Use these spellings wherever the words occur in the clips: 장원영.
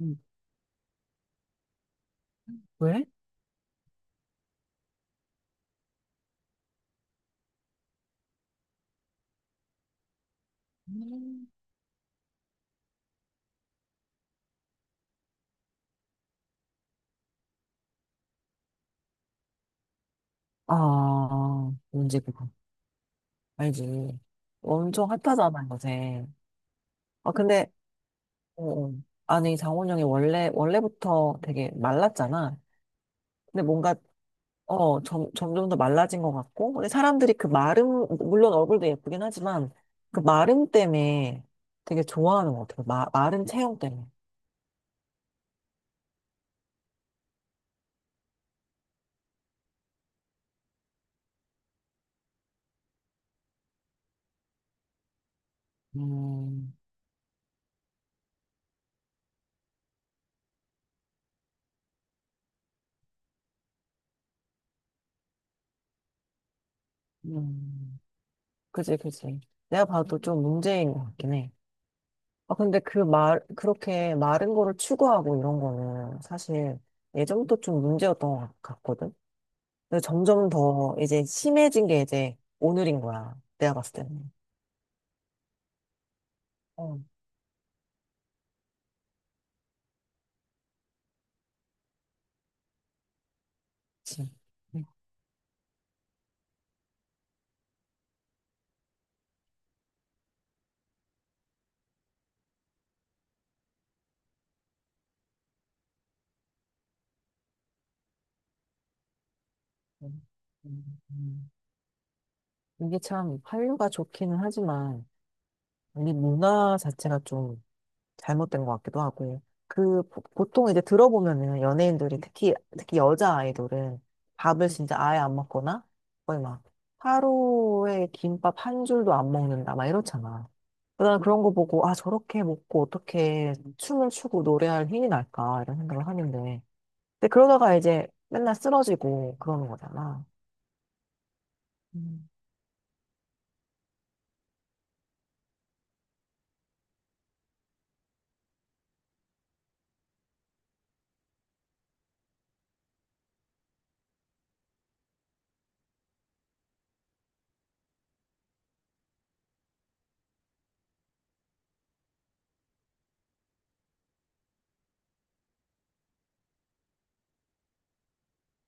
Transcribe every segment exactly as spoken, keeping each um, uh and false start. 음. 왜? 음. 아, 뭔지 그거. 알지. 엄청 핫하잖아, 요새. 아, 근데, 어, 어. 아니, 장원영이 원래, 원래부터 되게 말랐잖아. 근데 뭔가, 어, 점, 점점 더 말라진 것 같고. 근데 사람들이 그 마름, 물론 얼굴도 예쁘긴 하지만, 그 마름 때문에 되게 좋아하는 것 같아. 마, 마른 체형 때문에. 음, 음. 그지, 그지. 내가 봐도 좀 문제인 것 같긴 해. 아, 근데 그 말, 그렇게 마른 거를 추구하고 이런 거는 사실 예전부터 좀 문제였던 것 같거든? 근데 점점 더 이제 심해진 게 이제 오늘인 거야. 내가 봤을 때는. 어, 그치. 음, 음, 음, 음. 이게 참 한류가 좋기는 하지만 우리 문화 자체가 좀 잘못된 것 같기도 하고. 그, 보- 보통 이제 들어보면은 연예인들이 특히, 특히 여자 아이돌은 밥을 진짜 아예 안 먹거나 거의 막 하루에 김밥 한 줄도 안 먹는다, 막 이렇잖아. 나 그런 거 보고, 아, 저렇게 먹고 어떻게 춤을 추고 노래할 힘이 날까, 이런 생각을 하는데. 근데 그러다가 이제 맨날 쓰러지고 그러는 거잖아. 음.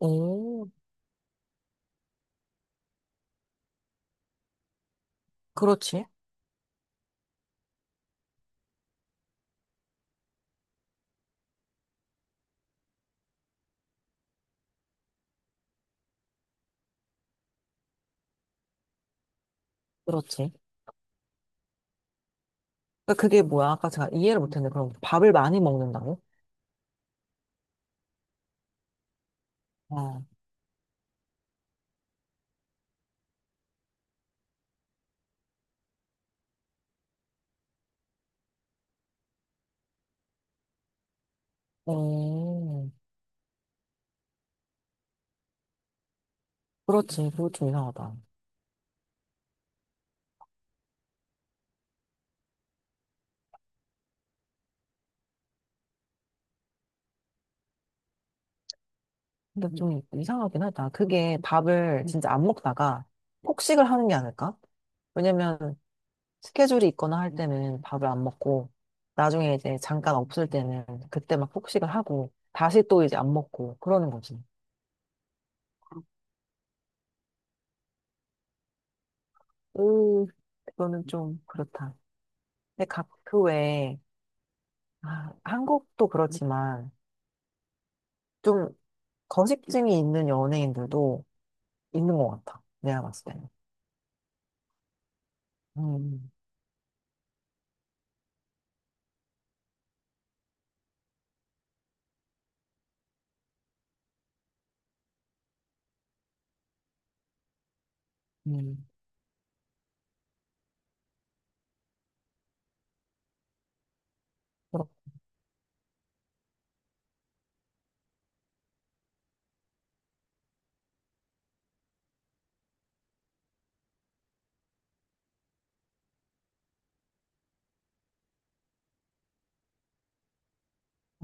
오, 그렇지. 그렇지. 그러니까 그게 뭐야? 아까 제가 이해를 못했는데, 그럼 밥을 많이 먹는다고? 아. 어, 그렇지. 그거 좀 이상하다. 근데 음. 좀 이상하긴 하다. 그게 밥을 진짜 안 먹다가 폭식을 하는 게 아닐까? 왜냐면 스케줄이 있거나 할 때는 밥을 안 먹고 나중에 이제 잠깐 없을 때는 그때 막 폭식을 하고 다시 또 이제 안 먹고 그러는 거지. 오, 그거는 좀 그렇다. 근데 각 그 외에 아, 한국도 그렇지만 좀 거식증이 있는 연예인들도 있는 것 같아. 내가 봤을 때는. 음, 음.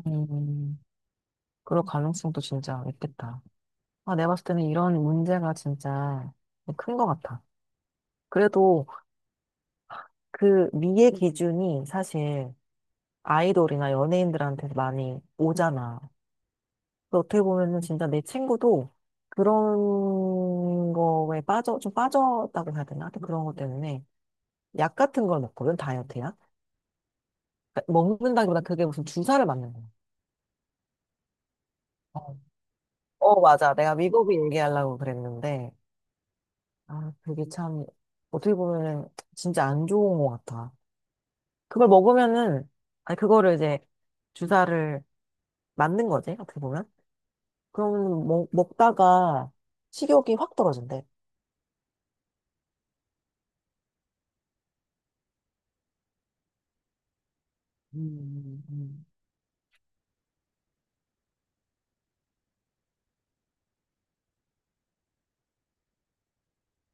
음, 그럴 가능성도 진짜 있겠다. 아, 내가 봤을 때는 이런 문제가 진짜 큰 것 같아. 그래도 그 미의 기준이 사실 아이돌이나 연예인들한테 많이 오잖아. 근데 어떻게 보면은 진짜 내 친구도 그런 거에 빠져, 좀 빠졌다고 해야 되나? 하여튼 그런 것 때문에 약 같은 걸 먹거든, 다이어트야. 그러니까 먹는다기보다 그게 무슨 주사를 맞는 거야. 어, 어, 맞아. 내가 미국이 얘기하려고 그랬는데. 아, 그게 참, 어떻게 보면은 진짜 안 좋은 것 같아. 그걸 먹으면은, 아니, 그거를 이제 주사를 맞는 거지, 어떻게 보면. 그러면 먹, 먹다가 식욕이 확 떨어진대. 음, 음.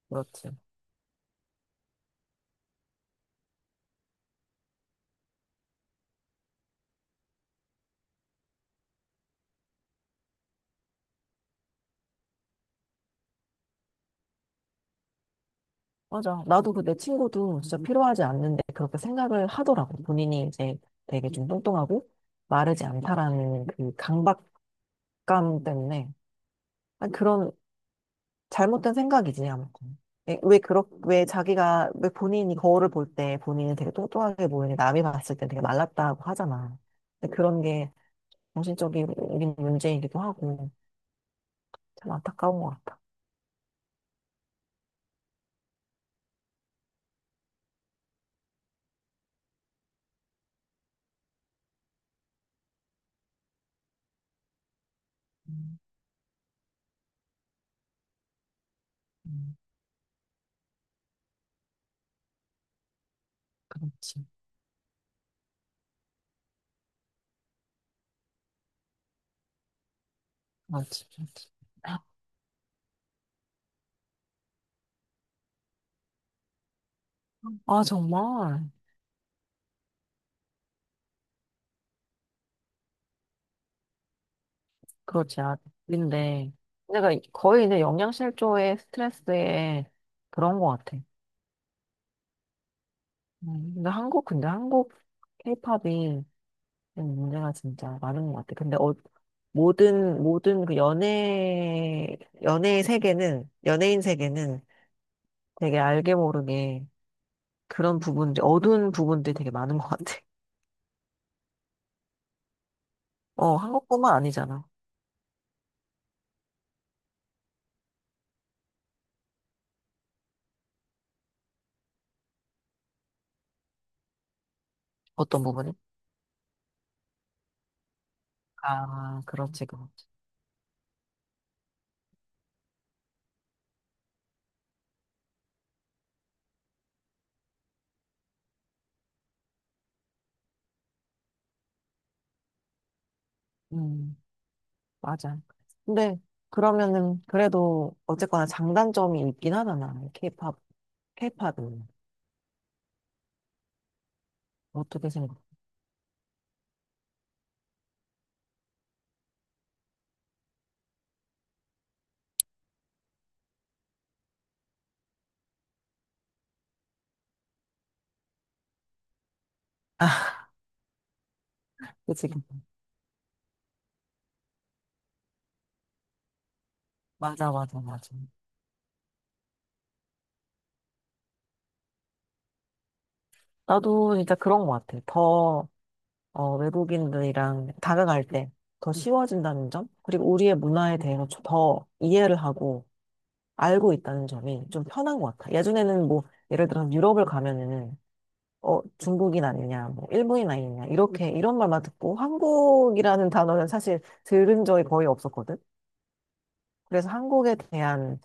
그렇지. 맞아. 나도 그 내 친구도 진짜 필요하지 않는데 그렇게 생각을 하더라고. 본인이 이제 되게 좀 뚱뚱하고 마르지 않다라는 그 강박감 때문에. 아니, 그런 잘못된 생각이지, 아무튼. 왜, 왜, 그렇, 왜 자기가, 왜 본인이 거울을 볼 때 본인은 되게 뚱뚱하게 보이는데 남이 봤을 때 되게 말랐다고 하잖아. 근데 그런 게 정신적인 문제이기도 하고 참 안타까운 것 같아. 음, 음, 그렇지. 맞지, 맞지. 아, 정말. 그렇지. 아, 근데 내가 거의 이제 영양실조에 스트레스에 그런 것 같아. 음, 근데 한국, 근데 한국 케이팝이 문제가 진짜 많은 것 같아. 근데 어, 모든, 모든 그 연애, 연애의 세계는, 연예인 세계는 되게 알게 모르게 그런 부분들, 어두운 부분들이 되게 많은 것 같아. 어, 한국뿐만 아니잖아. 어떤 부분이? 아, 그렇지, 그렇지. 음, 맞아. 근데 그러면은 그래도 어쨌거나 장단점이 있긴 하잖아. 케이팝, 케이팝은 어떻게 생각해? 그치? 맞아, 맞아, 맞아. 나도 진짜 그런 것 같아. 더 어, 외국인들이랑 다가갈 때 더 음, 쉬워진다는 점, 그리고 우리의 문화에 대해서 좀더 이해를 하고 알고 있다는 점이 좀 편한 것 같아. 예전에는 뭐, 예를 들어서 유럽을 가면은, 어, 중국인 아니냐, 뭐, 일본인 아니냐, 이렇게, 이런 말만 듣고 한국이라는 단어는 사실 들은 적이 거의 없었거든. 그래서 한국에 대한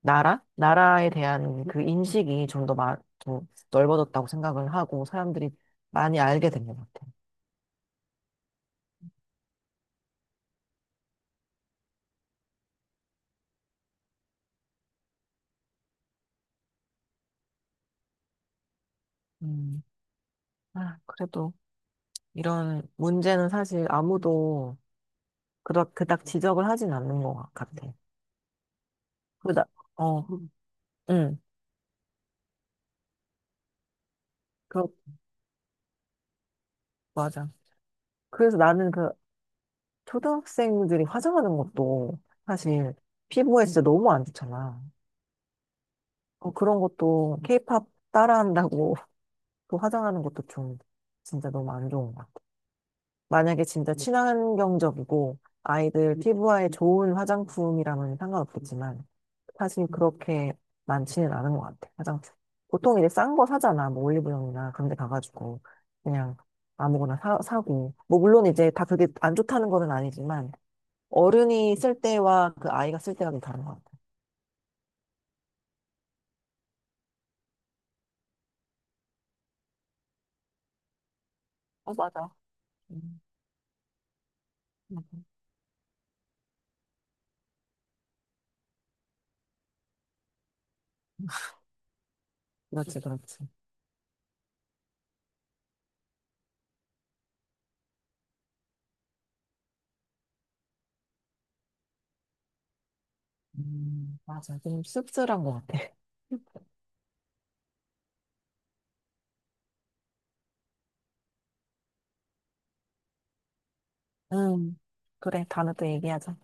나라? 나라에 대한 그 인식이 좀 더 마, 좀 넓어졌다고 생각을 하고 사람들이 많이 알게 된 것 같아. 음, 아, 그래도. 이런 문제는 사실 아무도 그닥, 그닥 지적을 하진 않는 것 같아. 그다, 어, 응, 그, 맞아. 그래서 나는 그 초등학생들이 화장하는 것도 사실 피부에 진짜 너무 안 좋잖아. 어, 그런 것도 케이팝 따라한다고 또 화장하는 것도 좀 진짜 너무 안 좋은 것 같아. 만약에 진짜 친환경적이고 아이들 피부에 좋은 화장품이라면 상관없겠지만 사실 그렇게 많지는 않은 것 같아, 화장품. 보통 이제 싼 거 사잖아, 뭐 올리브영이나 그런 데 가가지고. 그냥 아무거나 사, 사고. 뭐 물론 이제 다 그게 안 좋다는 거는 아니지만, 어른이 쓸 때와 그 아이가 쓸 때가 좀 다른 것 같아. 어, 맞아. 음, 음. 그렇지, 그렇지. 음, 맞아. 좀 씁쓸한 것 같아. 음, 그래. 다음에 또 얘기하자.